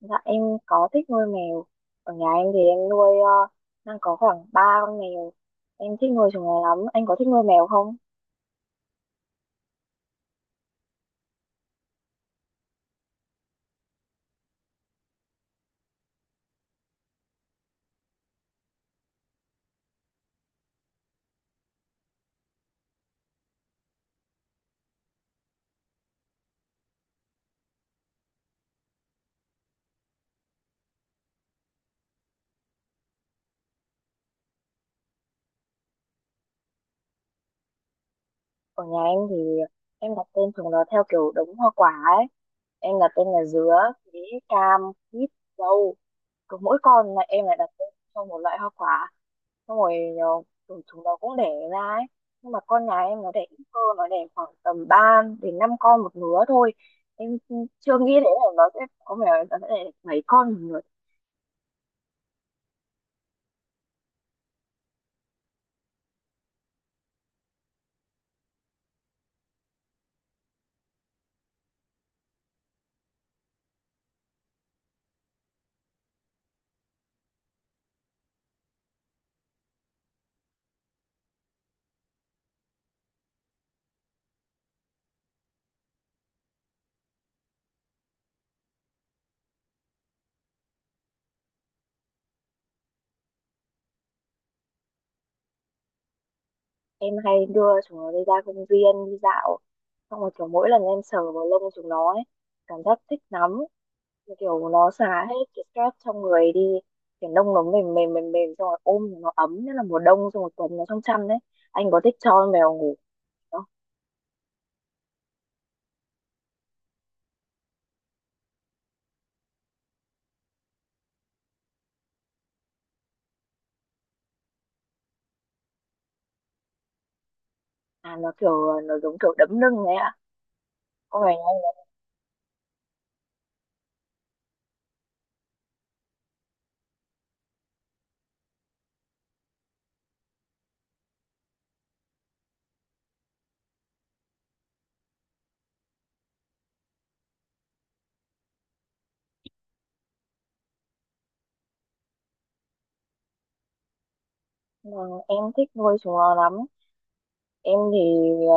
Dạ em có thích nuôi mèo. Ở nhà em thì em nuôi đang có khoảng 3 con mèo. Em thích nuôi chúng nó lắm. Anh có thích nuôi mèo không? Ở nhà em thì em đặt tên chúng nó theo kiểu đống hoa quả ấy. Em đặt tên là dứa, bí, cam, quýt, dâu. Cứ mỗi con là em lại đặt tên cho một loại hoa quả. Xong rồi ờ, tụi chúng nó cũng đẻ ra ấy. Nhưng mà con nhà em nó đẻ ít cơ, nó đẻ khoảng tầm 3 đến 5 con một lứa thôi. Em chưa nghĩ đến là nó sẽ có mèo nó sẽ đẻ 7 con một lứa. Em hay đưa chúng nó đi ra công viên đi dạo, xong rồi kiểu mỗi lần em sờ vào lông chúng nó ấy, cảm giác thích lắm. Như kiểu nó xả hết cái stress trong người đi, kiểu lông nó mềm mềm mềm mềm, xong rồi ôm thì nó ấm, nhất là mùa đông xong rồi quấn nó trong chăn đấy. Anh có thích cho con mèo ngủ không? À, nó kiểu nó giống kiểu đấm lưng ấy ạ. Con mèo anh đấy. Vâng, em thích nuôi chúng nó lắm. Em thì ờ,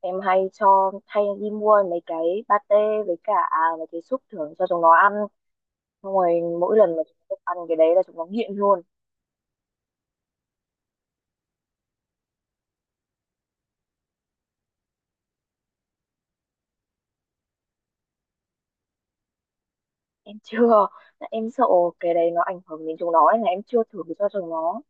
em hay cho hay đi mua mấy cái pate với cả à, mấy cái súp thưởng cho chúng nó ăn, xong rồi mỗi lần mà chúng nó ăn cái đấy là chúng nó nghiện luôn. Em chưa. Em sợ cái đấy nó ảnh hưởng đến chúng nó, nên là em chưa thử cho chúng nó.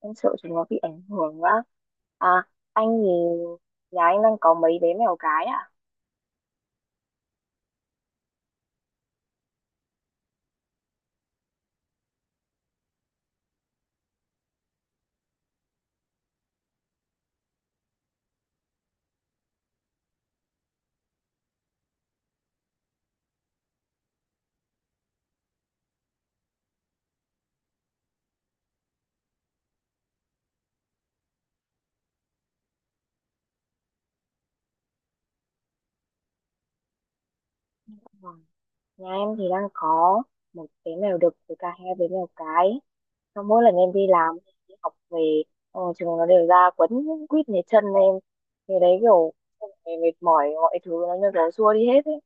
Em sợ chúng nó bị ảnh hưởng quá. À, anh thì nhà anh đang có mấy bé mèo cái ạ? Vâng. Nhà em thì đang có một bé mèo đực với cả hai bé mèo cái, xong mỗi lần em đi làm đi học về, xong rồi chúng nó đều ra quấn quýt lấy chân em, thì đấy kiểu xong rồi mệt mỏi mọi thứ nó như kiểu xua đi hết ấy.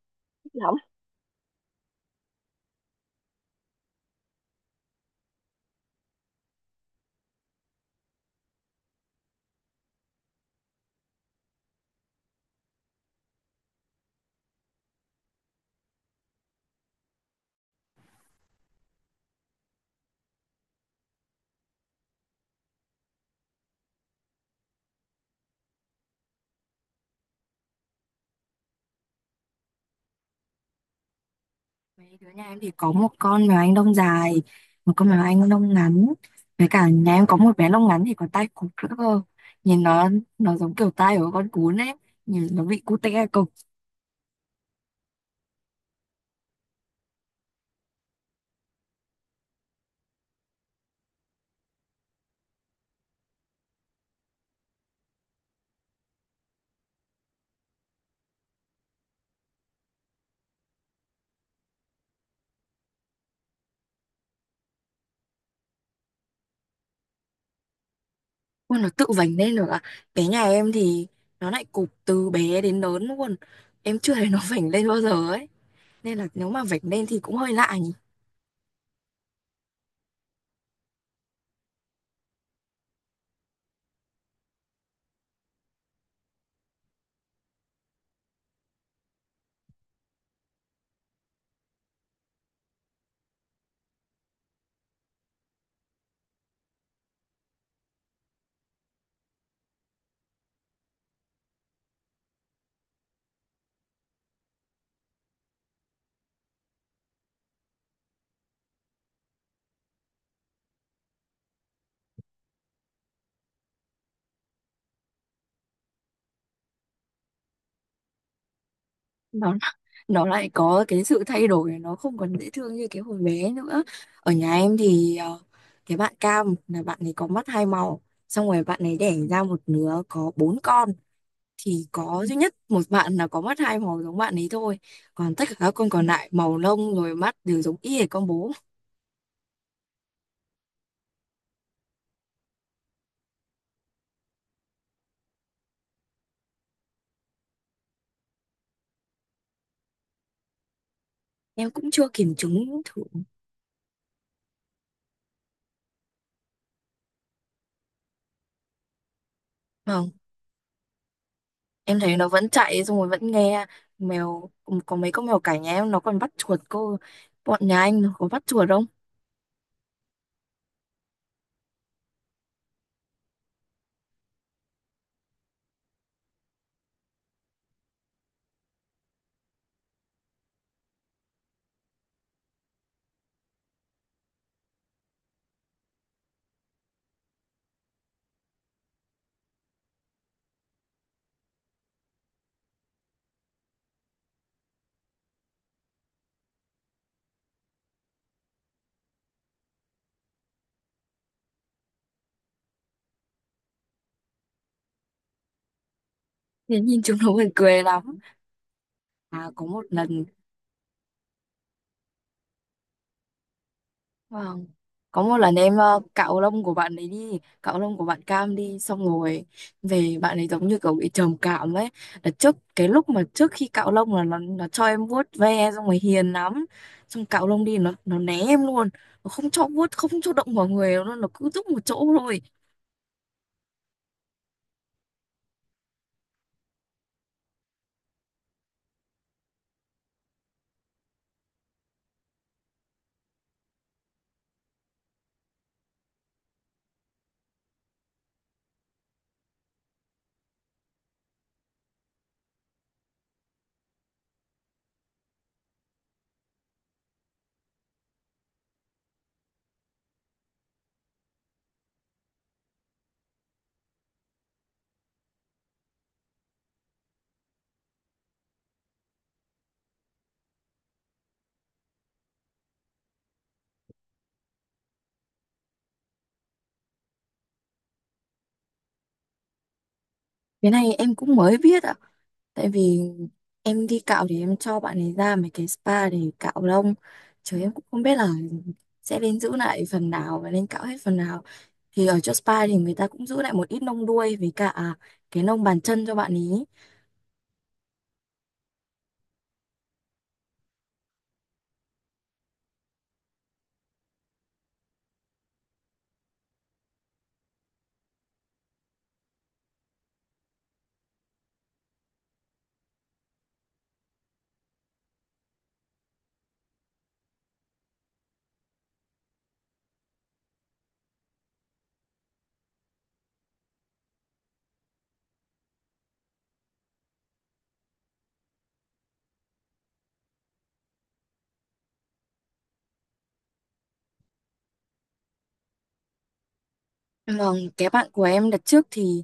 Mấy đứa nhà em thì có một con mèo Anh Đông dài, một con mèo Anh Đông ngắn. Với cả nhà em có một bé lông ngắn thì còn tai cụp nữa cơ. Nhìn nó giống kiểu tai của con cún ấy. Nhìn nó bị cụt tai cụp. Ui, nó tự vành lên được à? Bé nhà em thì nó lại cụp từ bé đến lớn luôn. Em chưa thấy nó vành lên bao giờ ấy. Nên là nếu mà vành lên thì cũng hơi lạ nhỉ. Nó lại có cái sự thay đổi, nó không còn dễ thương như cái hồi bé nữa. Ở nhà em thì cái bạn cam là bạn ấy có mắt hai màu, xong rồi bạn ấy đẻ ra một đứa có bốn con, thì có duy nhất một bạn là có mắt hai màu giống bạn ấy thôi, còn tất cả các con còn lại màu lông rồi mắt đều giống y hệt con bố. Em cũng chưa kiểm chứng thử. Không, em thấy nó vẫn chạy xong rồi vẫn nghe. Mèo có mấy con mèo cả nhà em nó còn bắt chuột cô, bọn nhà anh nó có bắt chuột không? Thế nhìn chúng nó buồn cười lắm. À, có một lần, vâng. Có một lần em cạo lông của bạn ấy đi, cạo lông của bạn Cam đi, xong rồi về bạn ấy giống như kiểu bị trầm cảm ấy, là trước cái lúc mà trước khi cạo lông là nó cho em vuốt ve xong rồi hiền lắm. Xong cạo lông đi nó né em luôn, nó không cho vuốt, không cho động vào người nó cứ thúc một chỗ thôi. Cái này em cũng mới biết ạ. Tại vì em đi cạo thì em cho bạn ấy ra mấy cái spa để cạo lông. Chứ em cũng không biết là sẽ nên giữ lại phần nào và nên cạo hết phần nào. Thì ở chỗ spa thì người ta cũng giữ lại một ít lông đuôi với cả cái lông bàn chân cho bạn ấy. Còn cái bạn của em đợt trước thì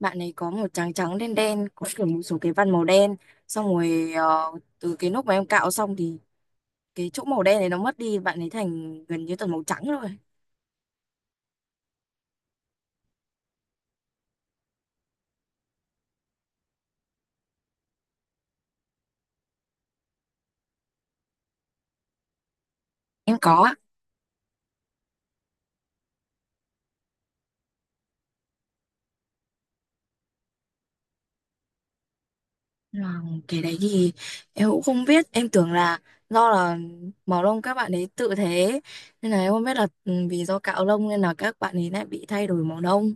bạn ấy có một trắng trắng đen đen, có kiểu một số cái vân màu đen. Xong rồi từ cái lúc mà em cạo xong thì cái chỗ màu đen này nó mất đi, bạn ấy thành gần như toàn màu trắng rồi. Em có. À, cái đấy thì em cũng không biết, em tưởng là do là màu lông các bạn ấy tự thế, nên là em không biết là vì do cạo lông nên là các bạn ấy lại bị thay đổi màu lông.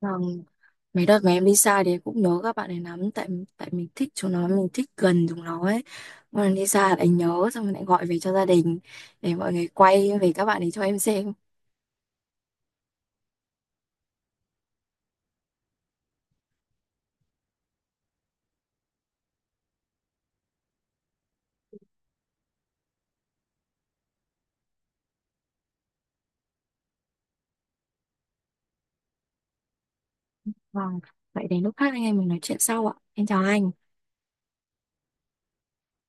Vâng, mấy đợt mà em đi xa thì em cũng nhớ các bạn ấy lắm, tại tại mình thích chúng nó, mình thích gần chúng nó ấy, mà lần đi xa lại nhớ, xong rồi lại gọi về cho gia đình để mọi người quay về các bạn ấy cho em xem. Vâng, vậy đến lúc khác anh em mình nói chuyện sau ạ. Em chào anh.